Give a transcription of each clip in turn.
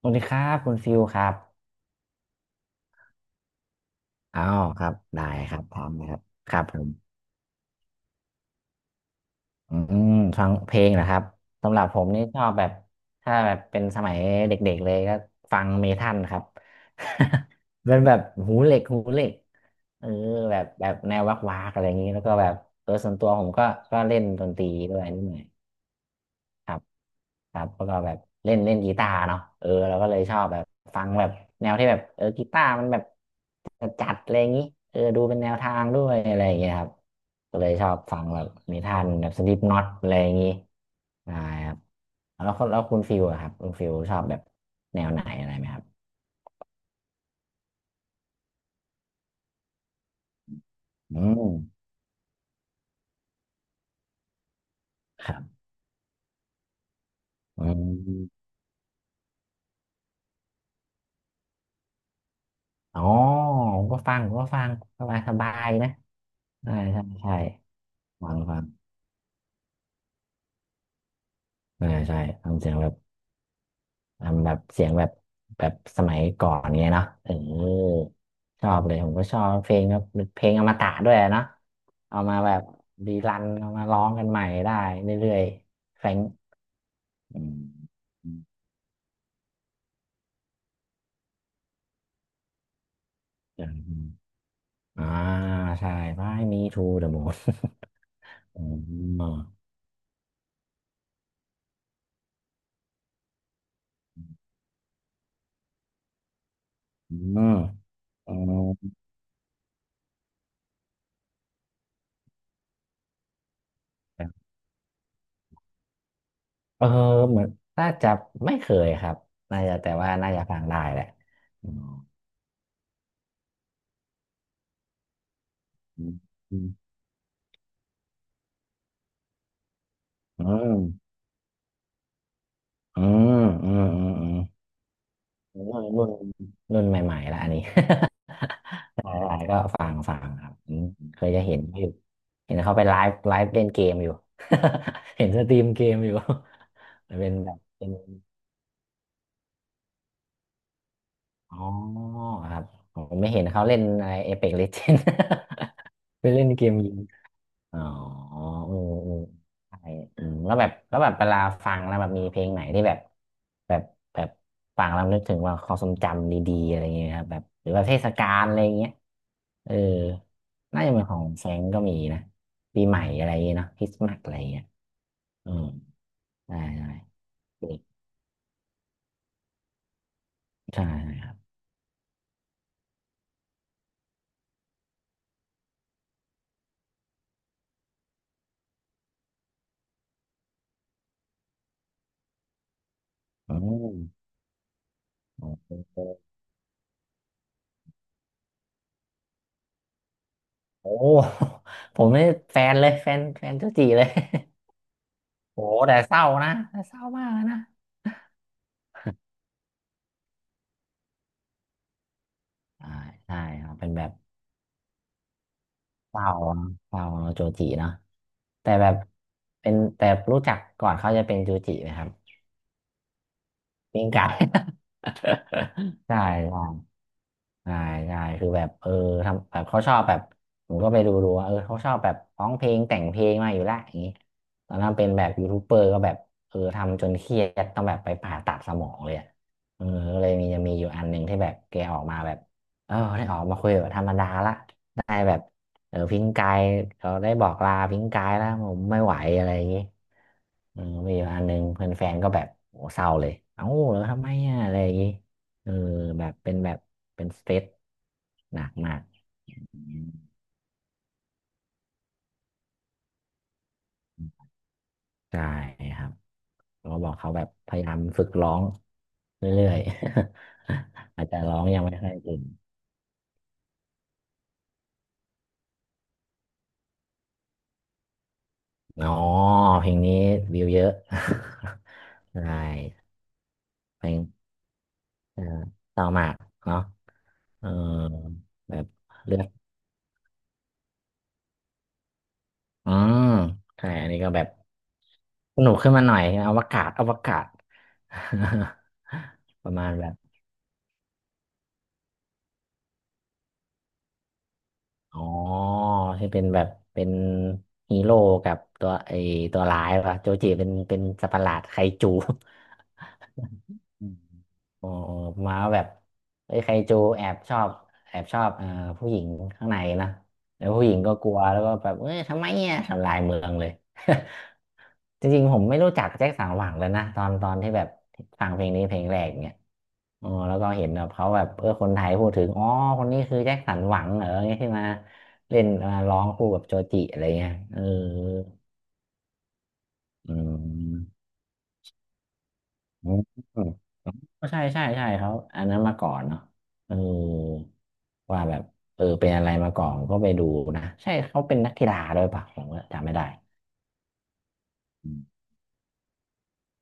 สวัสดีครับคุณฟิลครับอ้าวครับได้ครับพร้อมนะครับครับผมอืมฟังเพลงนะครับสำหรับผมนี่ชอบแบบถ้าแบบเป็นสมัยเด็กๆเลยก็ฟังเมทัลครับ เป็นแบบหูเหล็กหูเหล็กเออแบบแนววักวากอะไรอย่างนี้แล้วก็แบบส่วนตัวผมก็เล่นดนตรีด้วยนิดหน่อย ครับครับแล้วก็แบบเล่นเล่นกีตาร์เนาะเราก็เลยชอบแบบฟังแบบแนวที่แบบกีตาร์มันแบบจัดๆอะไรอย่างนี้ดูเป็นแนวทางด้วยอะไรอย่างเงี้ยครับก็เลยชอบฟังแบบนิทานแบบสลิปน็อตอะไรอย่างงี้นะครับแล้วคุณฟิลอะครับคุณฟิลชอบแบบแนวไหนอะไรไหมครับอืมครับอืมอ๋อผมก็ฟังสบายสบายนะใช่ใช่ใช่ฟังฟังใช่ใช่ทำเสียงแบบ ทำแบบเสียงแบบแบบสมัยก่อนเงี้ยเนาะชอบเลยผมก็ชอบเพลงแบบเพลงอมตะด้วยเนาะเอามาแบบรีรันเอามาร้องกันใหม่ได้เรื่อยๆแฟงอืมอืมอืมอ่าใช่ไม่มีทูเด อะมูนอืมอืมอืมเออเหมือนน่าจะไม่เคยครับน่าจะแต่ว่าน่าจะฟังได้แหละอืมอืมอืมอืมอืมอืมอืม รุ่นรุ่นรุ่นใหม่ๆแล้วอันนี้ หลายๆก็ฟังฟังครับอืมเคยจะเห็นอยู่เห็นเขาไปไลฟ์เล่นเกมอยู่ เห็นสตรีมเกมอยู่ มันเป็นแบบเป็นอ๋อครับผมไม่เห็นเขาเล่นอะไรเอเพ็กเลเจน ไปเล่นเกมยิง อ๋ออืมอืมใช่อืมแล้วแบบเวลาฟังแล้วแบบมีเพลงไหนที่แบบแบบแบบฟังแล้วนึกถึงว่าความทรงจำดีๆอะไรอย่างเงี้ยครับแบบหรือว่าเทศกาลอะไรอย่างเงี้ยเออน่าจะเป็นของแฟรงก์ก็มีนะปีใหม่อะไรอย่างเงี้ยเนาะคริสต์มาสอะไรอย่างเงี้ยอืมได้ได้ใช่ครับอืมโอเคโอ้ผมนี่แฟนเลยแฟนเจ้าจีเลย โอ้แต่เศร้านะแต่เศร้ามากเลยนะใช่ใช่ครับเป็นแบบ เปล่าเปล่าโจจิเนาะแต่แบบเป็นแต่รู้จักก่อนเขาจะเป็นจูจินะครับปิ้งไก่ ใช่ใช่ ใช่ใช่คือแบบทำแบบเขาชอบแบบผมก็ไปดูดูว่าเขาชอบแบบร้องเพลงแต่งเพลงมาอยู่แลวอย่างนี้ตอนนั้นเป็นแบบยูทูบเบอร์ก็แบบทำจนเครียดต้องแบบไปผ่าตัดสมองเลยอะเออก็เลยมีจะมีอยู่อันหนึ่งที่แบบแกออกมาแบบได้ออกมาคุยแบบธรรมดาละได้แบบพิงกายเขาได้บอกลาพิงกายแล้วผมไม่ไหวอะไรอย่างนี้เออมีอยู่อันหนึ่งเพื่อนแฟนก็แบบโหเศร้าเลยเอ้าแล้วทำไมอะอะไรอย่างนี้ เออแบบเป็นสเตรสหนักมากอืมใช่ครับเราบอกเขาแบบพยายามฝึกร้องเรื่อยๆ อาจจะร้องยังไม่ค่อยเก่งอ๋อเพลงนี้วิวเยอะ ใช่เพลงเอ่อเต่ามากเนาะเออแบบเลือกอืมใช่อันนี้ก็แบบสนุกขึ้นมาหน่อยอวกาศอวกาศ ประมาณแบบ อ๋อที่เป็นฮีโร่กับตัวไอตัวร้ายป่ะโจจิเป็นสัตว์ประหลาดไคจู อืม อ๋ออ๋อมาแบบไอ้ยไคจูแอบชอบผู้หญิงข้างในนะแล้วผู้หญิงก็กลัวแล้วก็แบบเอ้ยทำไมเนี่ยทำลายเมืองเลย จริงๆผมไม่รู้จักแจ็คสันหวังเลยนะตอนที่แบบฟังเพลงนี้เพลงแรกเนี่ยอ๋อแล้วก็เห็นแบบเขาแบบคนไทยพูดถึงอ๋อคนนี้คือแจ็คสันหวังเหรอเนี่ยที่มาเล่นมาร้องคู่กับโจจิอะไรเงี้ยอืม ก็ใช่ใช่ใช่เขาอันนั้นมาก่อนเนาะเออว่าแบบเป็นอะไรมาก่อนก็ไปดูนะใช่เขาเป็นนักกีฬาด้วยปะผมก็จำไม่ได้อม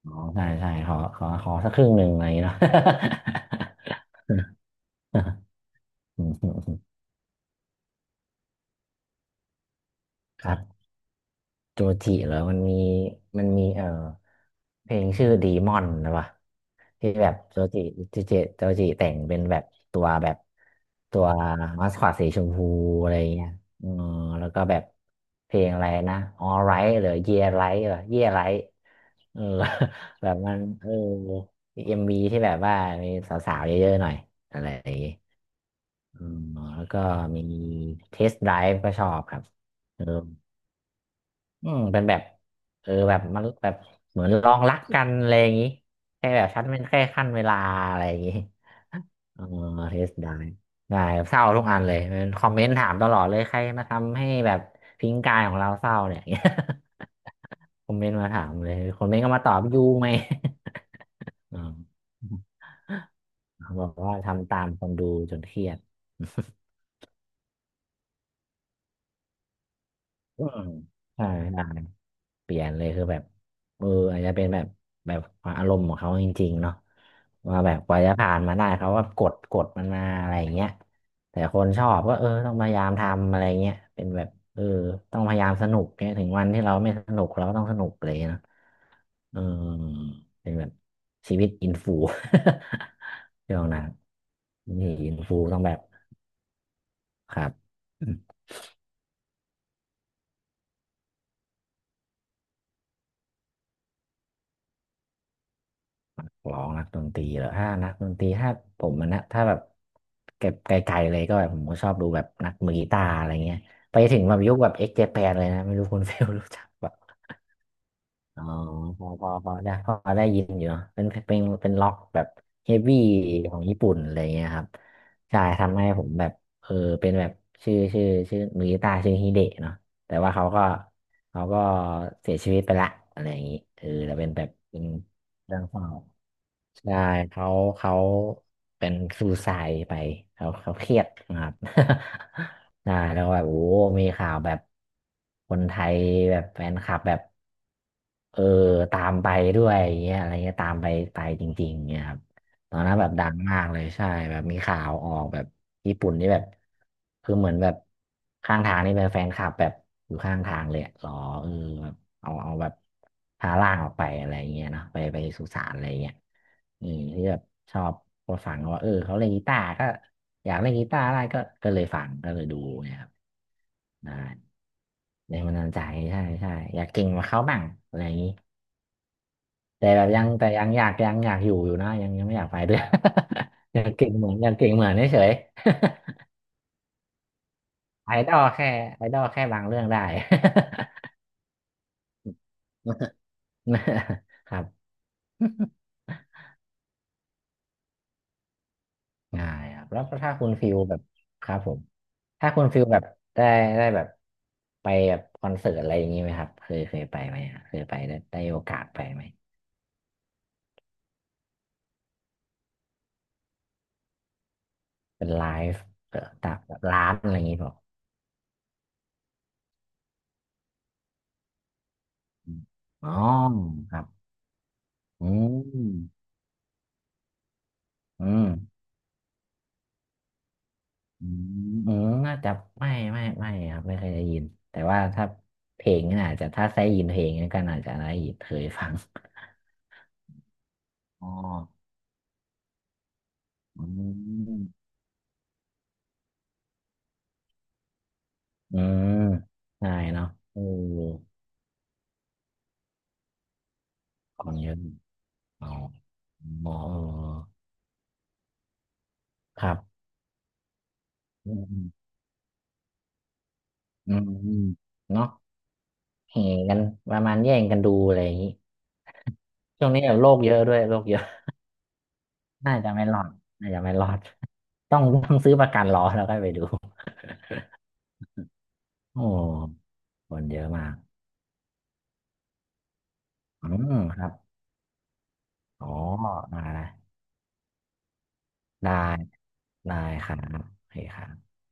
อ๋อใช่ใช่ขอสักครึ่งหนึ่งอะไรอย่างเงี้ยเนาะ ครับ โจจิเหรอมันมีเพลงชื่อดีมอนนะวะที่แบบโจจิแต่งเป็นแบบตัวแบบตัวมัสคอตสีชมพูอะไรเงี้ยอืมแล้วก็แบบเพลงอะไรนะ All Right หรือ Yeah Right เหรอ Yeah Right เออ แบบมันเอ็มบีที่แบบว่ามีสาวๆเยอะๆหน่อยอะไรอย่างงี้อืมแล้วก็มีเทสได v e ก็ชอบครับเออ อืมเป็นแบบแบบมันแบบเหมือนลองรักกันอะไรอย่างงี้แค่แบบชั้นเป็นแค่ขั้นเวลาอะไรอย่างงี้ เออเทสได้ได้เศร้าทุกอันเลยเป็นคอมเมนต์ถามตลอดเลยใครมาทำให้แบบทิ้งกายของเราเศร้าเนี่ย คอมเมนต์มาถามเลยคอมเมนต์ก็มาตอบยูไหม อืม บอกว่าทำตามคนดูจนเครียด อืมใช่ เปลี่ยนเลยคือแบบเอออาจจะเป็นแบบแบบอารมณ์ของเขาจริงๆเนาะว่าแบบกว่าจะผ่านมาได้เขาว่ากดมันมาอะไรอย่างเงี้ยแต่คนชอบก็เออต้องพยายามทำอะไรเงี้ยเป็นแบบเออต้องพยายามสนุกเนี่ยถึงวันที่เราไม่สนุกเราก็ต้องสนุกเลยเนาะเออเป็นแบบชีวิตอินฟู ช่วงนั้นนี่อินฟูต้องแบบครับ ร้องนักดนตรีเหรอถ้านักดนตรีถ้าผมมันนะถ้าแบบเก็บไกลๆเลยก็แบบผมก็ชอบดูแบบนักมือกีตาร์อะไรเงี้ยไปถึงแบบยุคแบบเอ็กเจแปนเลยนะไม่รู้คุณ เฟลรู้จักแบบอ๋อพอได้ยินอยู่เนอะเป็นล็อกแบบเฮฟวี่ของญี่ปุ่นอะไรเงี้ยครับใช่ทำให้ผมแบบเออเป็นแบบชื่อมือกีตาร์ชื่อฮิเดะเนาะแต่ว่าเขาก็เสียชีวิตไปละอะไรอย่างงี้เออแต่เป็นแบบเป็นเรื่องเศร้า ใช่เขาเขาเป็นซูไซด์ไปเขาเครียดนะครับ ใช่แล้วแบบโอ้มีข่าวแบบคนไทยแบบแฟนคลับแบบเออตามไปด้วยอย่างเงี้ยอะไรเงี้ยตามไปไปจริงๆเงี้ยครับ ตอนนั้นแบบดังมากเลยใช่แบบมีข่าวออกแบบญี่ปุ่นนี่แบบคือเหมือนแบบข้างทางนี่เป็นแฟนคลับแบบอยู่ข้างทางเลยอะรอเออแบบเอาแบบพาร่างออกไปอะไรอย่างเงี้ยเนาะไปสุสานอะไรอย่างเงี้ยอืมที่แบบชอบก็ฟังว่าเออเขาเล่นกีตาร์ก็อยากเล่นกีตาร์ได้ก็ก็เลยฟังก็เลยดูเนี่ยครับได้แรงบันดาลใจใช่ใช่อยากเก่งกว่าเขาบ้างอะไรอย่างงี้ แต่ยังอยากอยู่นะยังไม่อยากไปด้วย อยากเก่งเหมือนเฉยๆ ไอดอลแค่ไอดอลแค่บางเรื่องได้ ครับ ง่ายครับแล้วถ้าคุณฟิลแบบครับผมถ้าคุณฟิลแบบได้ได้แบบไปแบบคอนเสิร์ตอะไรอย่างนี้ไหมครับเคยไปไหมฮะเคยไปได้ได้โอกาสไปไหมเป็นไลฟ์ตามแบบร้านอะไรอย่างนี้เปล่าอมอ๋อครับอืมอืม อืมเออน่าจะไม่ครับไม่เคยได้ยินแต่ว่าถ้าเพลงนี่อาจจะถ้าได้ยินเพลงนี่ก็อาจจะได้ยินเคยฟังอ๋ออืมเออได้เนาะเออของเยอะอ๋อหมอเออครับอืมอืมอืมเนาะแห่กันประมาณแย่งกันดูอะไรอย่างนี้ช่วงนี้แบบโรคเยอะด้วยโรคเยอะน่าจะไม่รอดน่าจะไม่รอดต้องต้องซื้อประกันรอแล้วก็ไปดู โอ้ คนเยอะมาก อืมครับอ๋อมาล้ได้ได้ครับโอเคครับ